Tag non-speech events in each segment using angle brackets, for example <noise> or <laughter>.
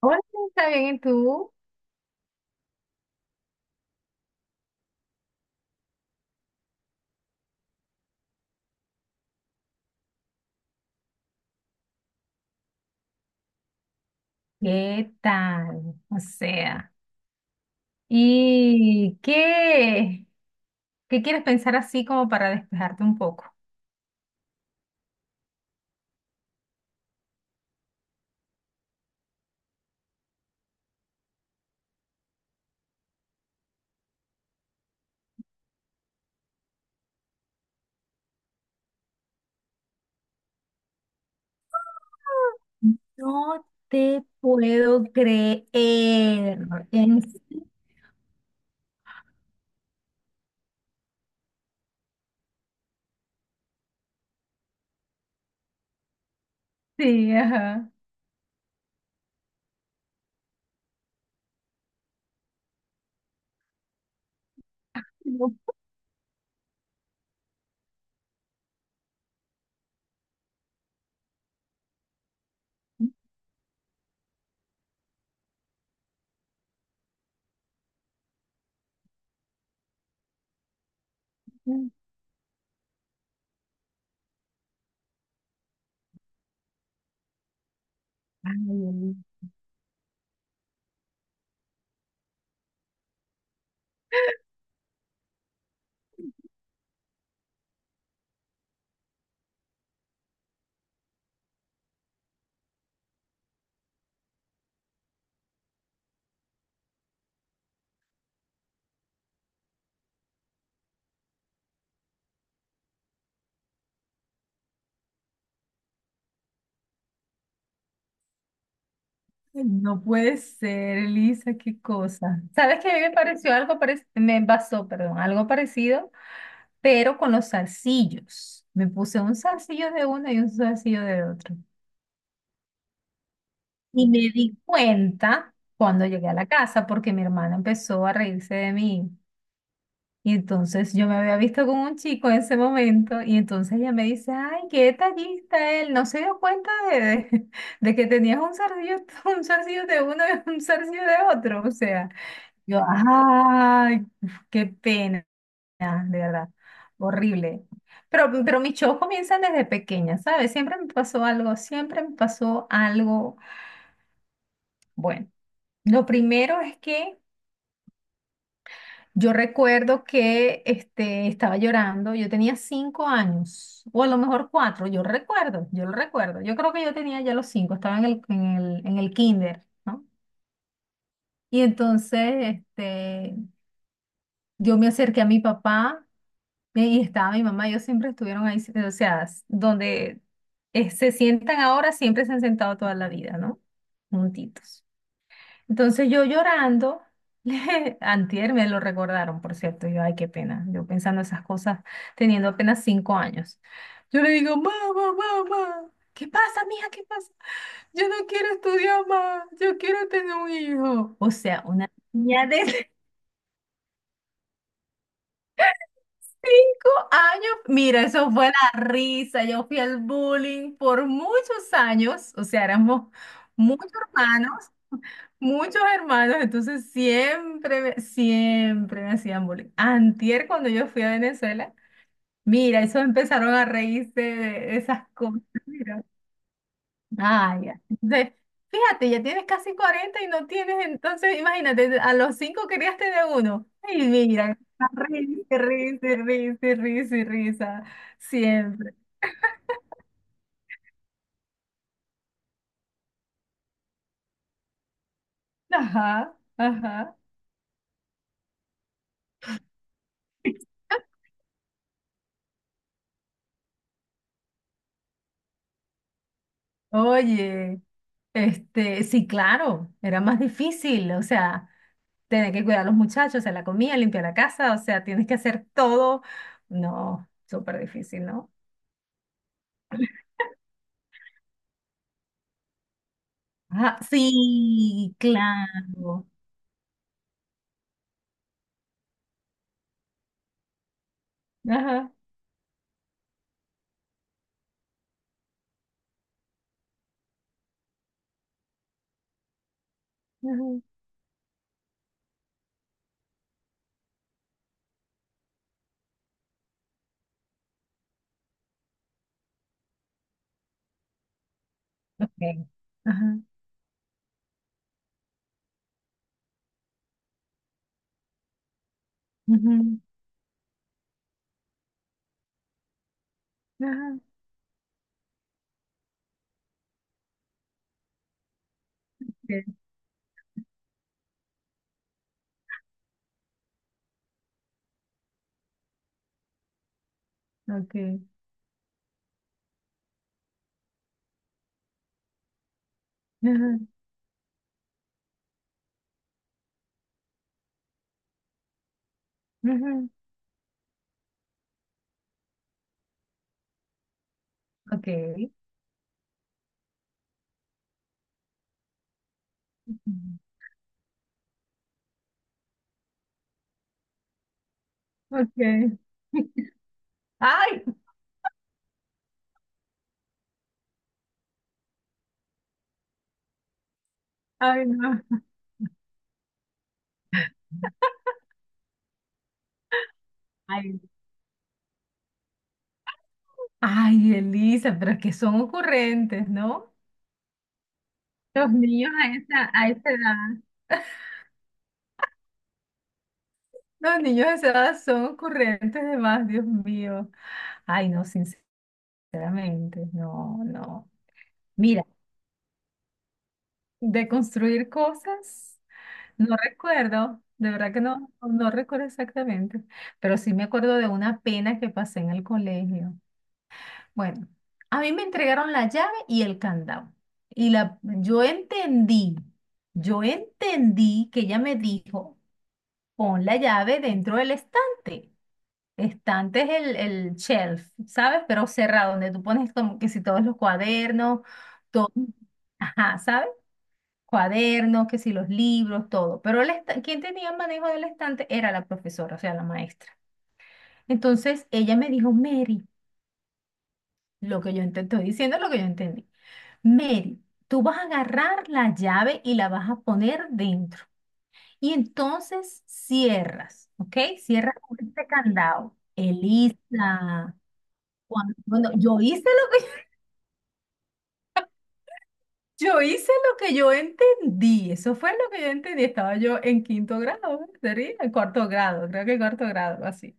Hola, ¿está bien? ¿Y tú? ¿Qué tal? O sea, ¿y qué quieres pensar así como para despejarte un poco? No te puedo creer. En sí, ajá. No puede ay, no puede ser, Elisa, qué cosa. ¿Sabes que a mí me pareció algo parecido? Me pasó, perdón, algo parecido, pero con los zarcillos. Me puse un zarcillo de uno y un zarcillo de otro. Y me di cuenta cuando llegué a la casa porque mi hermana empezó a reírse de mí. Y entonces yo me había visto con un chico en ese momento y entonces ella me dice, ay, qué detallista él, no se dio cuenta <laughs> de que tenías un zarcillo, <laughs> un zarcillo de uno y un zarcillo de otro. O sea, yo, ay, qué pena, de verdad, horrible. Pero mis shows comienzan desde pequeña, ¿sabes? Siempre me pasó algo, siempre me pasó algo. Bueno. Lo primero es que yo recuerdo que estaba llorando, yo tenía 5 años, o a lo mejor 4, yo recuerdo, yo lo recuerdo, yo creo que yo tenía ya los 5, estaba en el kinder, ¿no? Y entonces yo me acerqué a mi papá, y estaba mi mamá, ellos siempre estuvieron ahí, o sea, donde se sientan ahora, siempre se han sentado toda la vida, ¿no? Juntitos. Entonces yo llorando, <laughs> antier me lo recordaron, por cierto, yo, ay, qué pena, yo pensando esas cosas, teniendo apenas 5 años. Yo le digo, mamá, mamá, ¿qué pasa, mija? ¿Qué pasa? Yo no quiero estudiar más, yo quiero tener un hijo. O sea, una niña de años, mira, eso fue la risa. Yo fui al bullying por muchos años, o sea, éramos muchos hermanos, muchos hermanos, entonces siempre, siempre me hacían bullying. Antier, cuando yo fui a Venezuela, mira, eso empezaron a reírse de esas cosas. Ah, ya. Entonces, fíjate, ya tienes casi 40 y no tienes, entonces, imagínate, a los 5 querías tener uno. Y mira, risa, risa, risa, risa, risa, siempre. Ajá, ajá. Oye, sí, claro, era más difícil, o sea, tener que cuidar a los muchachos, hacer la comida, limpiar la casa, o sea, tienes que hacer todo. No, súper difícil, ¿no? Ajá, sí, claro. Ajá, ajá. Okay. Ajá, ujú, ajá. Okay. Okay. Ajá, ujú, okay. Okay. <laughs> Ay, ay, no. Ay, ay, Elisa, pero que son ocurrentes, ¿no? Los niños a esa edad. <laughs> Los niños a esa edad son ocurrentes de más, Dios mío. Ay, no, sinceramente, no, no. Mira, de construir cosas. No recuerdo, de verdad que no, no recuerdo exactamente, pero sí me acuerdo de una pena que pasé en el colegio. Bueno, a mí me entregaron la llave y el candado. Y yo entendí que ella me dijo, pon la llave dentro del estante. Estante es el shelf, ¿sabes? Pero cerrado, donde tú pones como que si todos los cuadernos, todo, ajá, ¿sabes? Cuadernos, que si los libros, todo. Pero el quien tenía manejo del estante era la profesora, o sea, la maestra. Entonces ella me dijo, Mary, lo que yo estoy diciendo es lo que yo entendí. Mary, tú vas a agarrar la llave y la vas a poner dentro. Y entonces cierras, ¿ok? Cierras con este candado. Elisa, bueno, Yo hice lo que yo entendí, eso fue lo que yo entendí. Estaba yo en quinto grado, ¿eh? Sería en cuarto grado, creo que cuarto grado, así.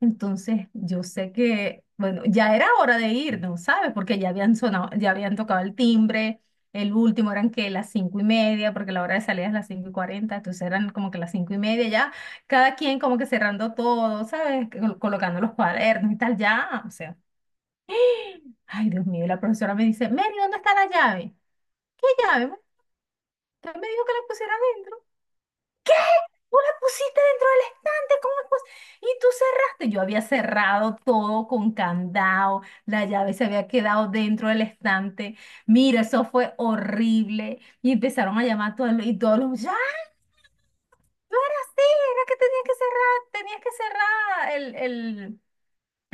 Entonces, yo sé que, bueno, ya era hora de irnos, ¿sabes? Porque ya habían sonado, ya habían tocado el timbre, el último eran que las 5:30, porque la hora de salida es las 5:40, entonces eran como que las 5:30 ya, cada quien como que cerrando todo, ¿sabes? Colocando los cuadernos y tal, ya, o sea, ay, Dios mío, y la profesora me dice, Mary, ¿dónde está la llave? ¿Qué llave? Él me dijo que la pusiera adentro. Tú la pusiste dentro del estante, ¿cómo es? Y tú cerraste. Yo había cerrado todo con candado, la llave se había quedado dentro del estante. Mira, eso fue horrible. Y empezaron a llamar a todos los, y todos los, ya, tú eras así, era que tenías que cerrar el,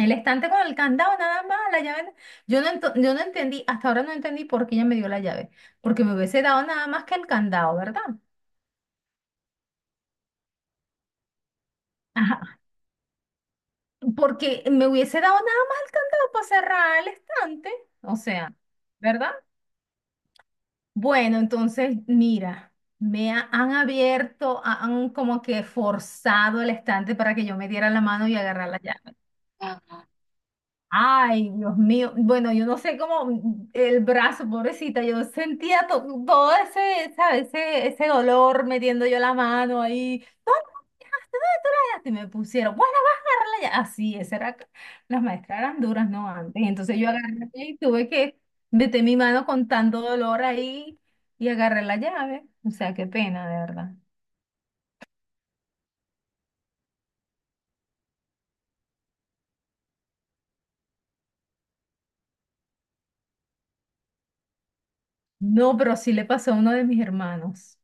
el estante con el candado, nada más, la llave. Yo no entendí, hasta ahora no entendí por qué ella me dio la llave, porque me hubiese dado nada más que el candado, ¿verdad? Ajá. Porque me hubiese dado nada más el candado para cerrar el estante. O sea, ¿verdad? Bueno, entonces, mira, me han abierto, han como que forzado el estante para que yo me diera la mano y agarrar la llave. Ay, Dios mío. Bueno, yo no sé cómo el brazo, pobrecita, yo sentía todo ese, ¿sabes? Ese dolor metiendo yo la mano ahí. ¡Ah! Y me pusieron, bueno, vas a agarrarla ya. Así, esa era, las maestras eran duras, ¿no? Antes. Entonces yo agarré y tuve que meter mi mano con tanto dolor ahí y agarré la llave. O sea, qué pena, de verdad. No, pero sí le pasó a uno de mis hermanos.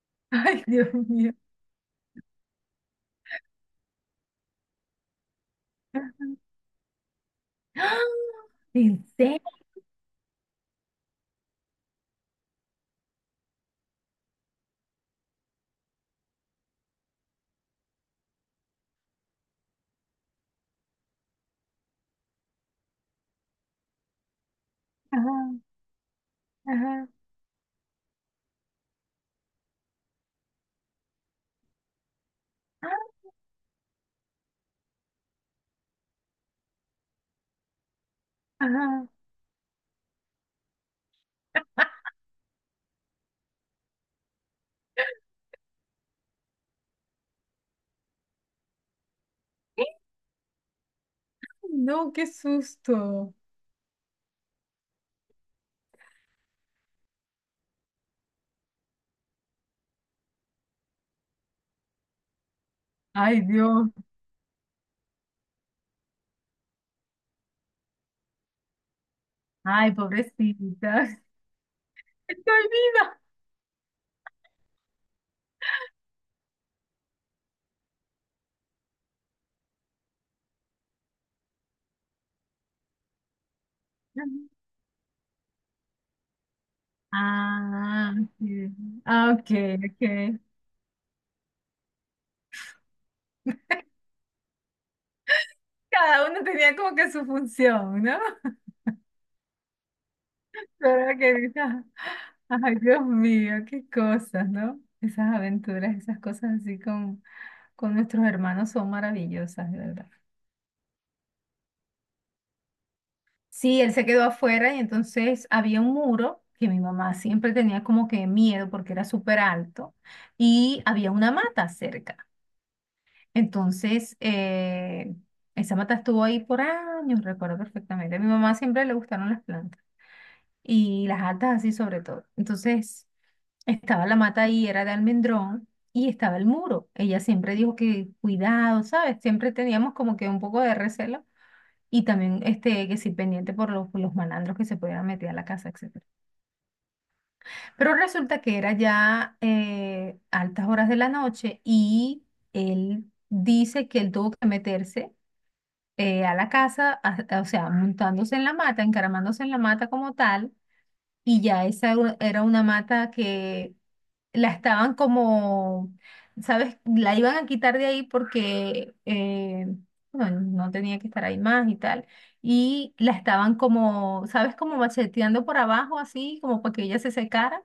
<laughs> Ay, Dios mío. ¡Ah! ¿En serio? Ajá, ajá, ah, ajá. ¡Eh! No, qué susto. Ay, Dios. Ay, pobrecita. <laughs> Estoy viva. Ah, sí. Ah, ok, ok. <laughs> Cada uno tenía como que su función, ¿no? <laughs> Pero que dices, ay, Dios mío, qué cosas, ¿no? Esas aventuras, esas cosas así con nuestros hermanos son maravillosas, de verdad. Sí, él se quedó afuera y entonces había un muro que mi mamá siempre tenía como que miedo porque era súper alto y había una mata cerca. Entonces, esa mata estuvo ahí por años, recuerdo perfectamente. A mi mamá siempre le gustaron las plantas y las altas así sobre todo. Entonces, estaba la mata ahí, era de almendrón y estaba el muro. Ella siempre dijo que cuidado, ¿sabes? Siempre teníamos como que un poco de recelo y también que sí pendiente por los malandros que se pudieran meter a la casa, etcétera. Pero resulta que era ya altas horas de la noche y él dice que él tuvo que meterse a la casa, o sea, montándose en la mata, encaramándose en la mata como tal, y ya esa era una mata que la estaban como, ¿sabes? La iban a quitar de ahí porque bueno, no tenía que estar ahí más y tal. Y la estaban como, ¿sabes? Como macheteando por abajo, así, como para que ella se secara.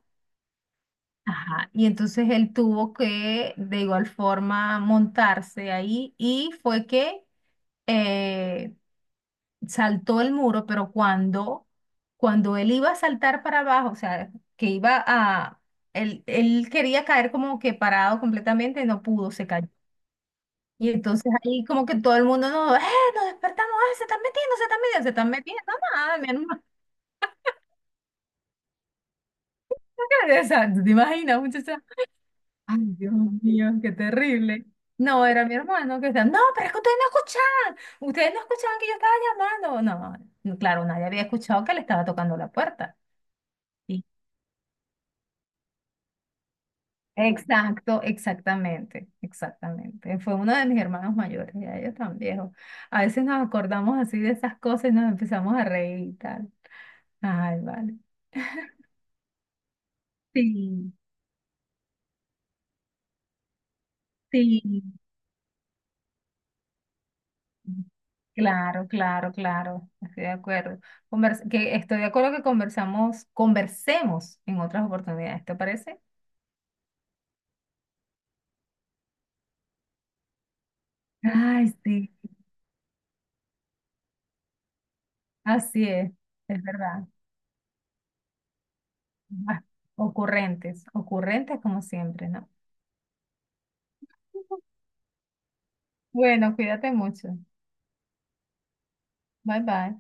Ajá, y entonces él tuvo que de igual forma montarse ahí y fue que eh, saltó el muro, pero cuando él iba a saltar para abajo, o sea, que iba a, él quería caer como que parado completamente, no pudo, se cayó. Y entonces ahí como que todo el mundo, no, nos despertamos, se están metiendo, se están metiendo, se están metiendo. No, nada, mi hermano. <laughs> O sea, ¿tú te imaginas, muchacha? Ay, Dios mío, qué terrible. No, era mi hermano que estaba, no, pero es que ustedes no escuchaban que yo estaba llamando. No, no, claro, nadie había escuchado que le estaba tocando la puerta. Exacto, exactamente, exactamente. Fue uno de mis hermanos mayores, ya ellos tan viejos. A veces nos acordamos así de esas cosas y nos empezamos a reír y tal. Ay, vale. Sí, sí. Claro, claro, claro, estoy de acuerdo. Que estoy de acuerdo que conversamos, conversemos en otras oportunidades, ¿te parece? Ay, sí, así es verdad. Ah, ocurrentes, ocurrentes como siempre, ¿no? Bueno, cuídate mucho. Bye bye.